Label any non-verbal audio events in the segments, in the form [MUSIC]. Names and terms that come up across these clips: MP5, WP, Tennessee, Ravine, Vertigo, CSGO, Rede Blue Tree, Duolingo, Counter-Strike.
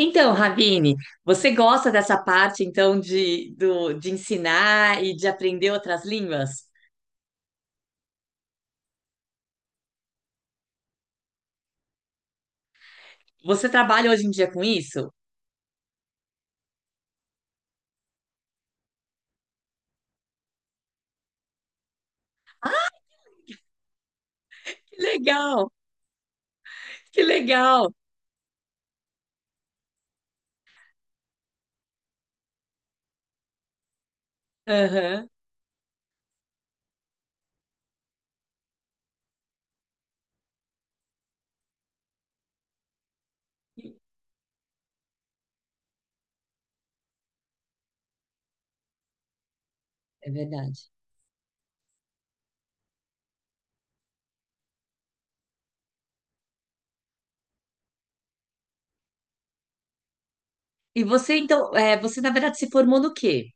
Então, Ravine, você gosta dessa parte então de ensinar e de aprender outras línguas? Você trabalha hoje em dia com isso? Que legal, que legal. Aham. É verdade. E você então, é, você na verdade se formou no quê?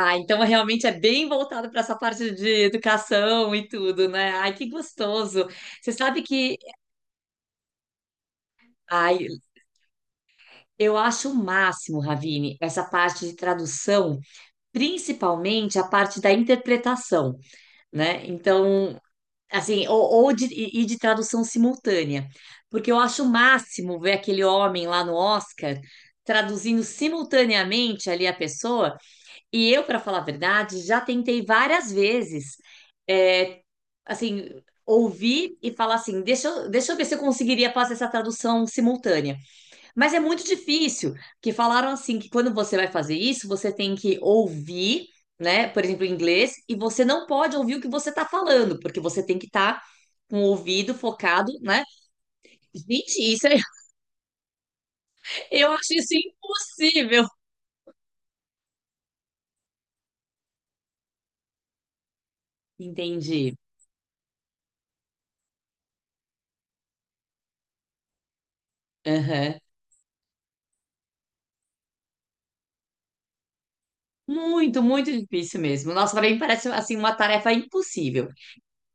Ah, então realmente é bem voltado para essa parte de educação e tudo, né? Ai, que gostoso. Você sabe que, ai, eu acho o máximo, Ravine, essa parte de tradução, principalmente a parte da interpretação. Né? Então, assim, ou de, e de tradução simultânea, porque eu acho o máximo ver aquele homem lá no Oscar traduzindo simultaneamente ali a pessoa, e eu, para falar a verdade, já tentei várias vezes, é, assim, ouvir e falar assim, deixa eu ver se eu conseguiria fazer essa tradução simultânea. Mas é muito difícil, que falaram assim que quando você vai fazer isso, você tem que ouvir, né? Por exemplo, em inglês, e você não pode ouvir o que você está falando, porque você tem que estar com o ouvido focado, né? Gente, isso é... [LAUGHS] eu acho isso impossível. Entendi. Aham. Muito, muito difícil mesmo. Nossa, pra mim parece assim uma tarefa impossível.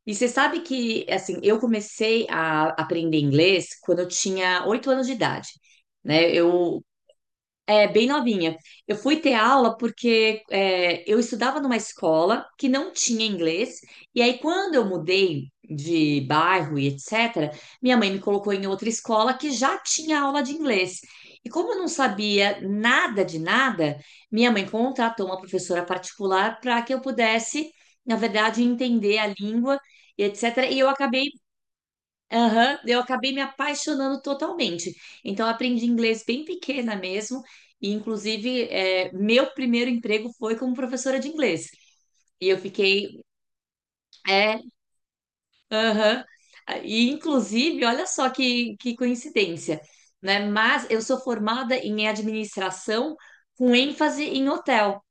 E você sabe que assim, eu comecei a aprender inglês quando eu tinha oito anos de idade, né? Eu... É, bem novinha. Eu fui ter aula porque é, eu estudava numa escola que não tinha inglês, e aí quando eu mudei de bairro e etc., minha mãe me colocou em outra escola que já tinha aula de inglês. E como eu não sabia nada de nada, minha mãe contratou uma professora particular para que eu pudesse, na verdade, entender a língua e etc. E eu acabei... Aham, eu acabei me apaixonando totalmente. Então, eu aprendi inglês bem pequena mesmo, e inclusive, é, meu primeiro emprego foi como professora de inglês. E eu fiquei, é, aham. E inclusive, olha só que coincidência, né? Mas eu sou formada em administração com ênfase em hotel,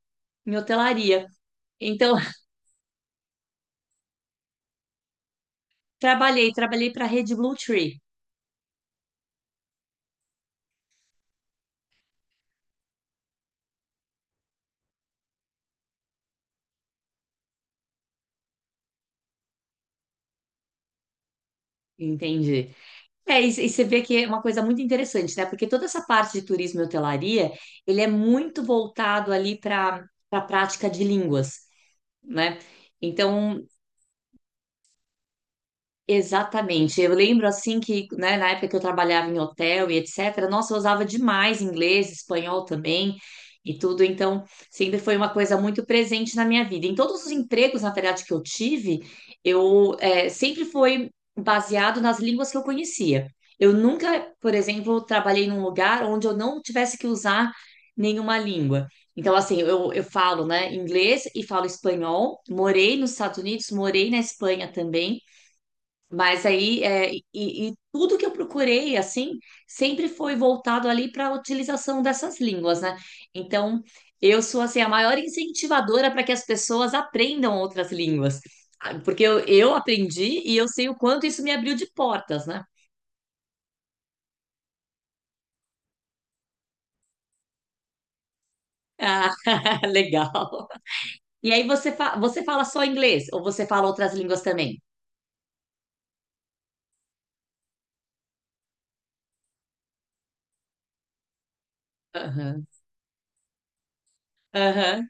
em hotelaria. Então, [LAUGHS] trabalhei para a Rede Blue Tree, entende? É, e você vê que é uma coisa muito interessante, né? Porque toda essa parte de turismo e hotelaria, ele é muito voltado ali para a prática de línguas, né? Então, exatamente. Eu lembro assim que, né, na época que eu trabalhava em hotel e etc, nossa, eu usava demais inglês, espanhol também e tudo, então sempre foi uma coisa muito presente na minha vida. Em todos os empregos, na verdade, que eu tive, eu sempre foi baseado nas línguas que eu conhecia. Eu nunca, por exemplo, trabalhei num lugar onde eu não tivesse que usar nenhuma língua. Então, assim, eu falo, né, inglês e falo espanhol. Morei nos Estados Unidos, morei na Espanha também. Mas aí, é, e tudo que eu procurei, assim, sempre foi voltado ali para a utilização dessas línguas, né? Então, eu sou, assim, a maior incentivadora para que as pessoas aprendam outras línguas. Ah, porque eu aprendi e eu sei o quanto isso me abriu de portas, né? Ah, [LAUGHS] legal. E aí, você fala só inglês ou você fala outras línguas também? Aham, aham.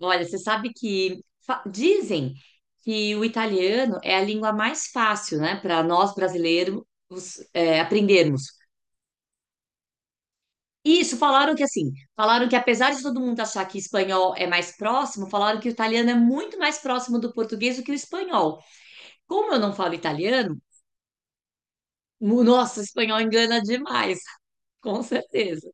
Olha, você sabe que dizem que o italiano é a língua mais fácil, né, para nós brasileiros é, aprendermos. Isso, falaram que assim, falaram que apesar de todo mundo achar que espanhol é mais próximo, falaram que o italiano é muito mais próximo do português do que o espanhol. Como eu não falo italiano, nossa, o espanhol engana demais, [LAUGHS] com certeza.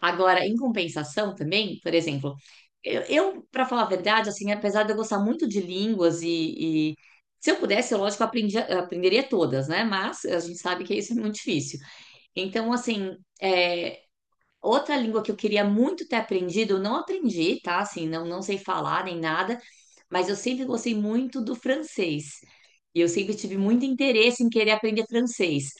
Agora, em compensação também, por exemplo, eu para falar a verdade, assim, apesar de eu gostar muito de línguas e se eu pudesse, eu, lógico, aprenderia todas, né? Mas a gente sabe que isso é muito difícil. Então, assim, é, outra língua que eu queria muito ter aprendido, eu não aprendi, tá? Assim, não, não sei falar nem nada, mas eu sempre gostei muito do francês. E eu sempre tive muito interesse em querer aprender francês.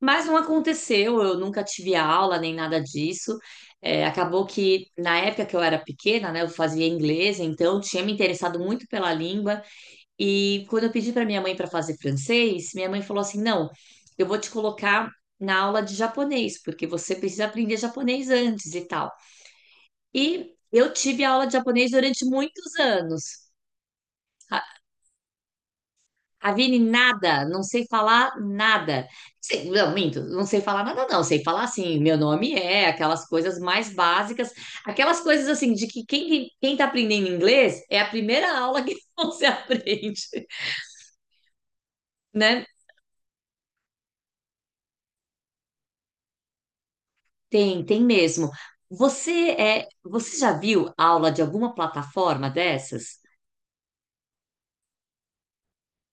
Mas não aconteceu, eu nunca tive aula nem nada disso. É, acabou que na época que eu era pequena, né, eu fazia inglês, então tinha me interessado muito pela língua. E quando eu pedi para minha mãe para fazer francês, minha mãe falou assim: não, eu vou te colocar na aula de japonês, porque você precisa aprender japonês antes e tal. E eu tive aula de japonês durante muitos anos. A Ravine, nada, não sei falar nada. Não, minto, não sei falar nada, não. Sei falar assim, meu nome é, aquelas coisas mais básicas, aquelas coisas assim, de que quem tá aprendendo inglês é a primeira aula que [LAUGHS] você aprende, né? Tem, tem mesmo. Você você já viu aula de alguma plataforma dessas?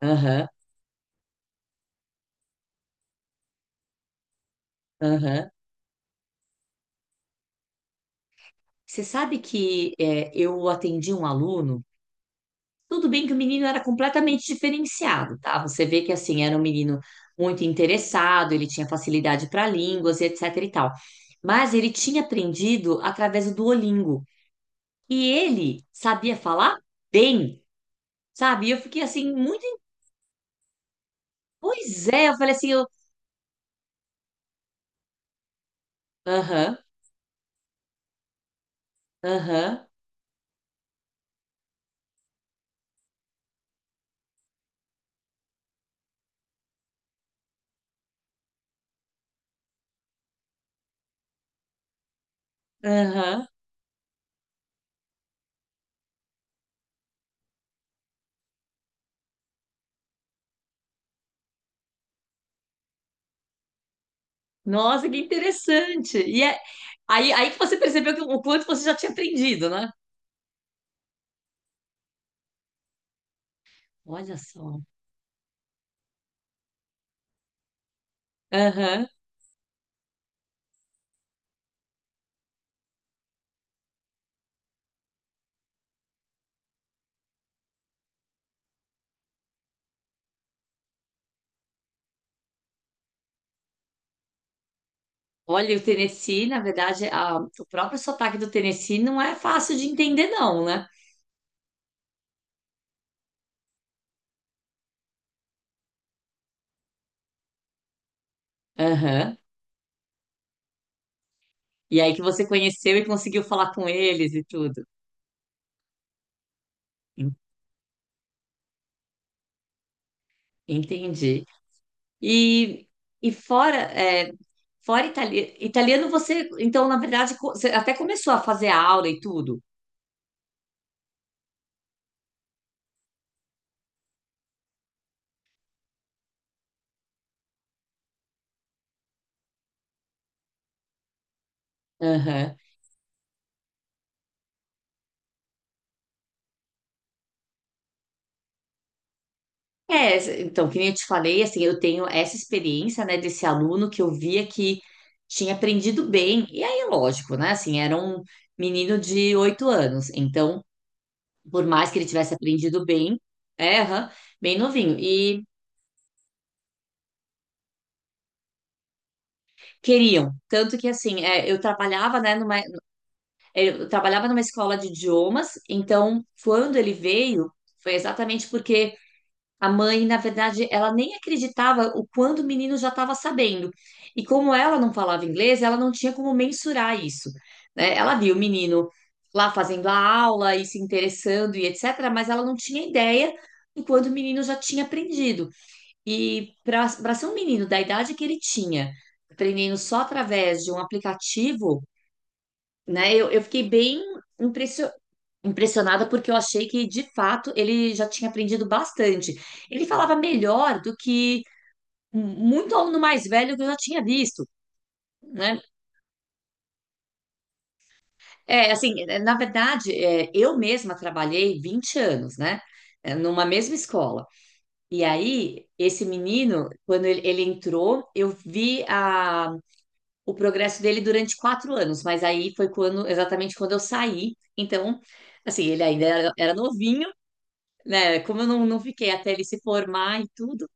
Aham, aham. Você sabe que é, eu atendi um aluno. Tudo bem que o menino era completamente diferenciado, tá? Você vê que assim era um menino muito interessado, ele tinha facilidade para línguas e etc e tal. Mas ele tinha aprendido através do Duolingo e ele sabia falar bem, sabe? E eu fiquei assim muito... Pois é, eu falei assim, eu, aham, aham. Aham. Nossa, que interessante. Aí que você percebeu que, o quanto você já tinha aprendido, né? Olha só. Aham. Olha, o Tennessee, na verdade, o próprio sotaque do Tennessee não é fácil de entender, não, né? Aham. E aí que você conheceu e conseguiu falar com eles e tudo. En- Entendi. E, e fora, é, fora italiano, você, então, na verdade, você até começou a fazer aula e tudo. É, então, que nem eu te falei, assim, eu tenho essa experiência, né, desse aluno que eu via que tinha aprendido bem. E aí, lógico, né, assim, era um menino de oito anos. Então, por mais que ele tivesse aprendido bem, é, aham, bem novinho. E queriam. Tanto que, assim, é, eu trabalhava, né, numa, é, eu trabalhava numa escola de idiomas. Então, quando ele veio, foi exatamente porque... A mãe, na verdade, ela nem acreditava o quanto o menino já estava sabendo. E como ela não falava inglês, ela não tinha como mensurar isso, né? Ela viu o menino lá fazendo a aula e se interessando e etc., mas ela não tinha ideia do quanto o menino já tinha aprendido. E para ser um menino da idade que ele tinha, aprendendo só através de um aplicativo, né? Eu fiquei bem impressionada impressionada porque eu achei que de fato ele já tinha aprendido bastante. Ele falava melhor do que muito aluno mais velho que eu já tinha visto, né? É, assim, é, na verdade, é, eu mesma trabalhei 20 anos, né? É, numa mesma escola. E aí, esse menino, quando ele entrou, eu vi o progresso dele durante quatro anos, mas aí foi quando, exatamente quando eu saí. Então, assim, ele ainda era novinho, né, como eu não, não fiquei até ele se formar e tudo.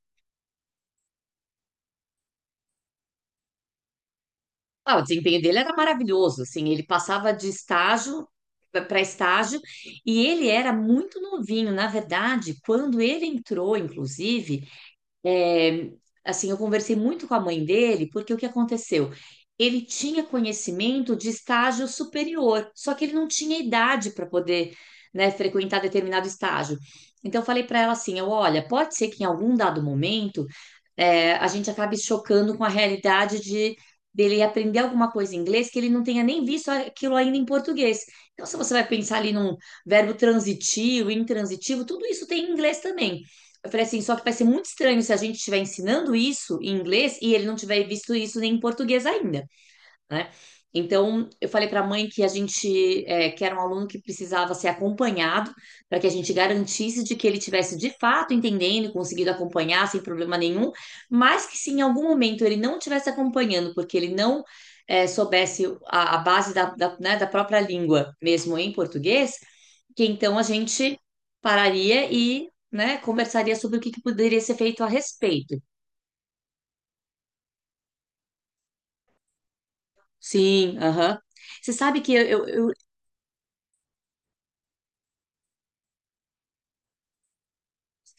Ah, o desempenho dele era maravilhoso, assim, ele passava de estágio para estágio e ele era muito novinho, na verdade, quando ele entrou, inclusive. É, assim, eu conversei muito com a mãe dele, porque o que aconteceu? Ele tinha conhecimento de estágio superior, só que ele não tinha idade para poder, né, frequentar determinado estágio. Então, eu falei para ela assim: eu, olha, pode ser que em algum dado momento é, a gente acabe chocando com a realidade de dele aprender alguma coisa em inglês que ele não tenha nem visto aquilo ainda em português. Então, se você vai pensar ali num verbo transitivo, intransitivo, tudo isso tem em inglês também. Eu falei assim, só que vai ser muito estranho se a gente estiver ensinando isso em inglês e ele não tiver visto isso nem em português ainda, né? Então, eu falei para a mãe que a gente é, que era um aluno que precisava ser acompanhado para que a gente garantisse de que ele tivesse de fato entendendo e conseguido acompanhar sem problema nenhum, mas que se em algum momento ele não estivesse acompanhando, porque ele não é, soubesse a base da, da, né, da própria língua, mesmo em português, que então a gente pararia e né, conversaria sobre o que que poderia ser feito a respeito. Sim, aham. Você sabe que eu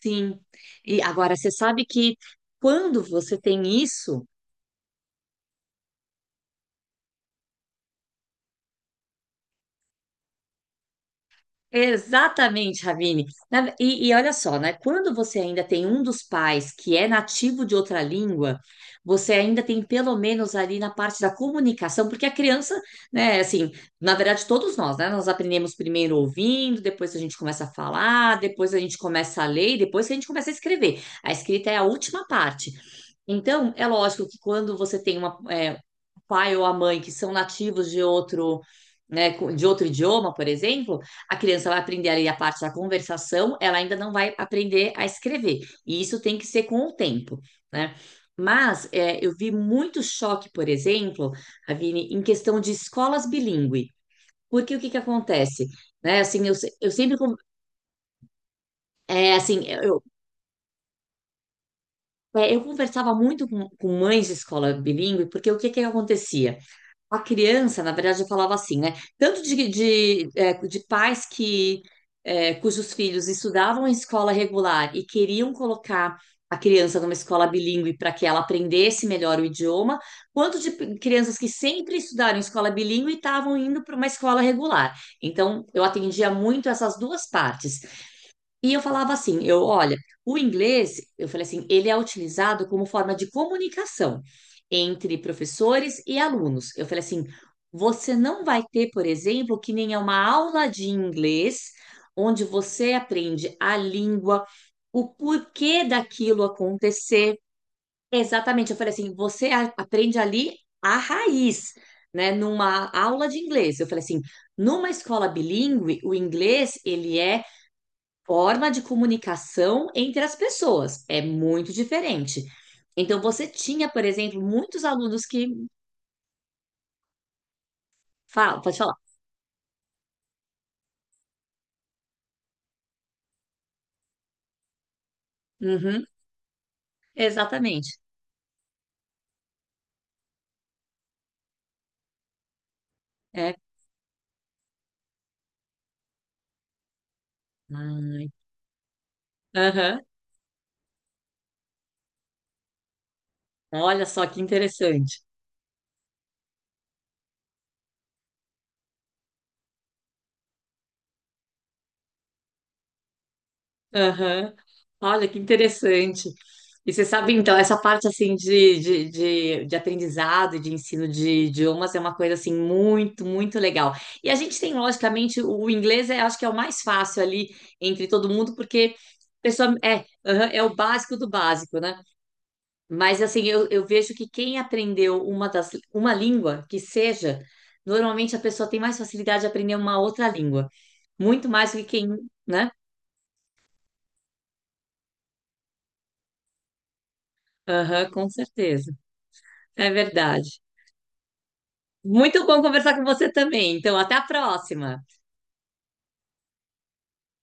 Sim. E agora, você sabe que quando você tem isso, exatamente, Ravine. E olha só, né? Quando você ainda tem um dos pais que é nativo de outra língua, você ainda tem pelo menos ali na parte da comunicação, porque a criança, né, assim, na verdade, todos nós, né? Nós aprendemos primeiro ouvindo, depois a gente começa a falar, depois a gente começa a ler, e depois que a gente começa a escrever. A escrita é a última parte. Então, é lógico que quando você tem uma, é, pai ou a mãe que são nativos de outro, né, de outro idioma, por exemplo, a criança vai aprender ali a parte da conversação, ela ainda não vai aprender a escrever. E isso tem que ser com o tempo, né? Mas é, eu vi muito choque, por exemplo, Avine, em questão de escolas bilíngue. Porque o que que acontece? Né, assim, eu, eu sempre, é, assim, eu é, eu conversava muito com mães de escola bilíngue, porque o que que acontecia? A criança, na verdade, eu falava assim, né? Tanto de pais que é, cujos filhos estudavam em escola regular e queriam colocar a criança numa escola bilíngue para que ela aprendesse melhor o idioma, quanto de crianças que sempre estudaram em escola bilíngue e estavam indo para uma escola regular. Então, eu atendia muito essas duas partes. E eu falava assim, eu, olha, o inglês, eu falei assim, ele é utilizado como forma de comunicação entre professores e alunos. Eu falei assim, você não vai ter, por exemplo, que nem é uma aula de inglês onde você aprende a língua, o porquê daquilo acontecer. Exatamente, eu falei assim, você aprende ali a raiz, né, numa aula de inglês. Eu falei assim, numa escola bilíngue, o inglês, ele é forma de comunicação entre as pessoas. É muito diferente. Então, você tinha, por exemplo, muitos alunos que falam, pode falar. Uhum, exatamente. É. Ai, aham. Olha só que interessante. Aham. Olha, que interessante. E você sabe, então, essa parte assim de aprendizado e de ensino de idiomas é uma coisa assim muito, muito legal. E a gente tem, logicamente, o inglês é, acho que é o mais fácil ali entre todo mundo, porque a pessoa é, aham, é o básico do básico, né? Mas assim, eu vejo que quem aprendeu uma língua que seja, normalmente a pessoa tem mais facilidade de aprender uma outra língua, muito mais do que quem, né? Aham, com certeza. É verdade. Muito bom conversar com você também. Então, até a próxima.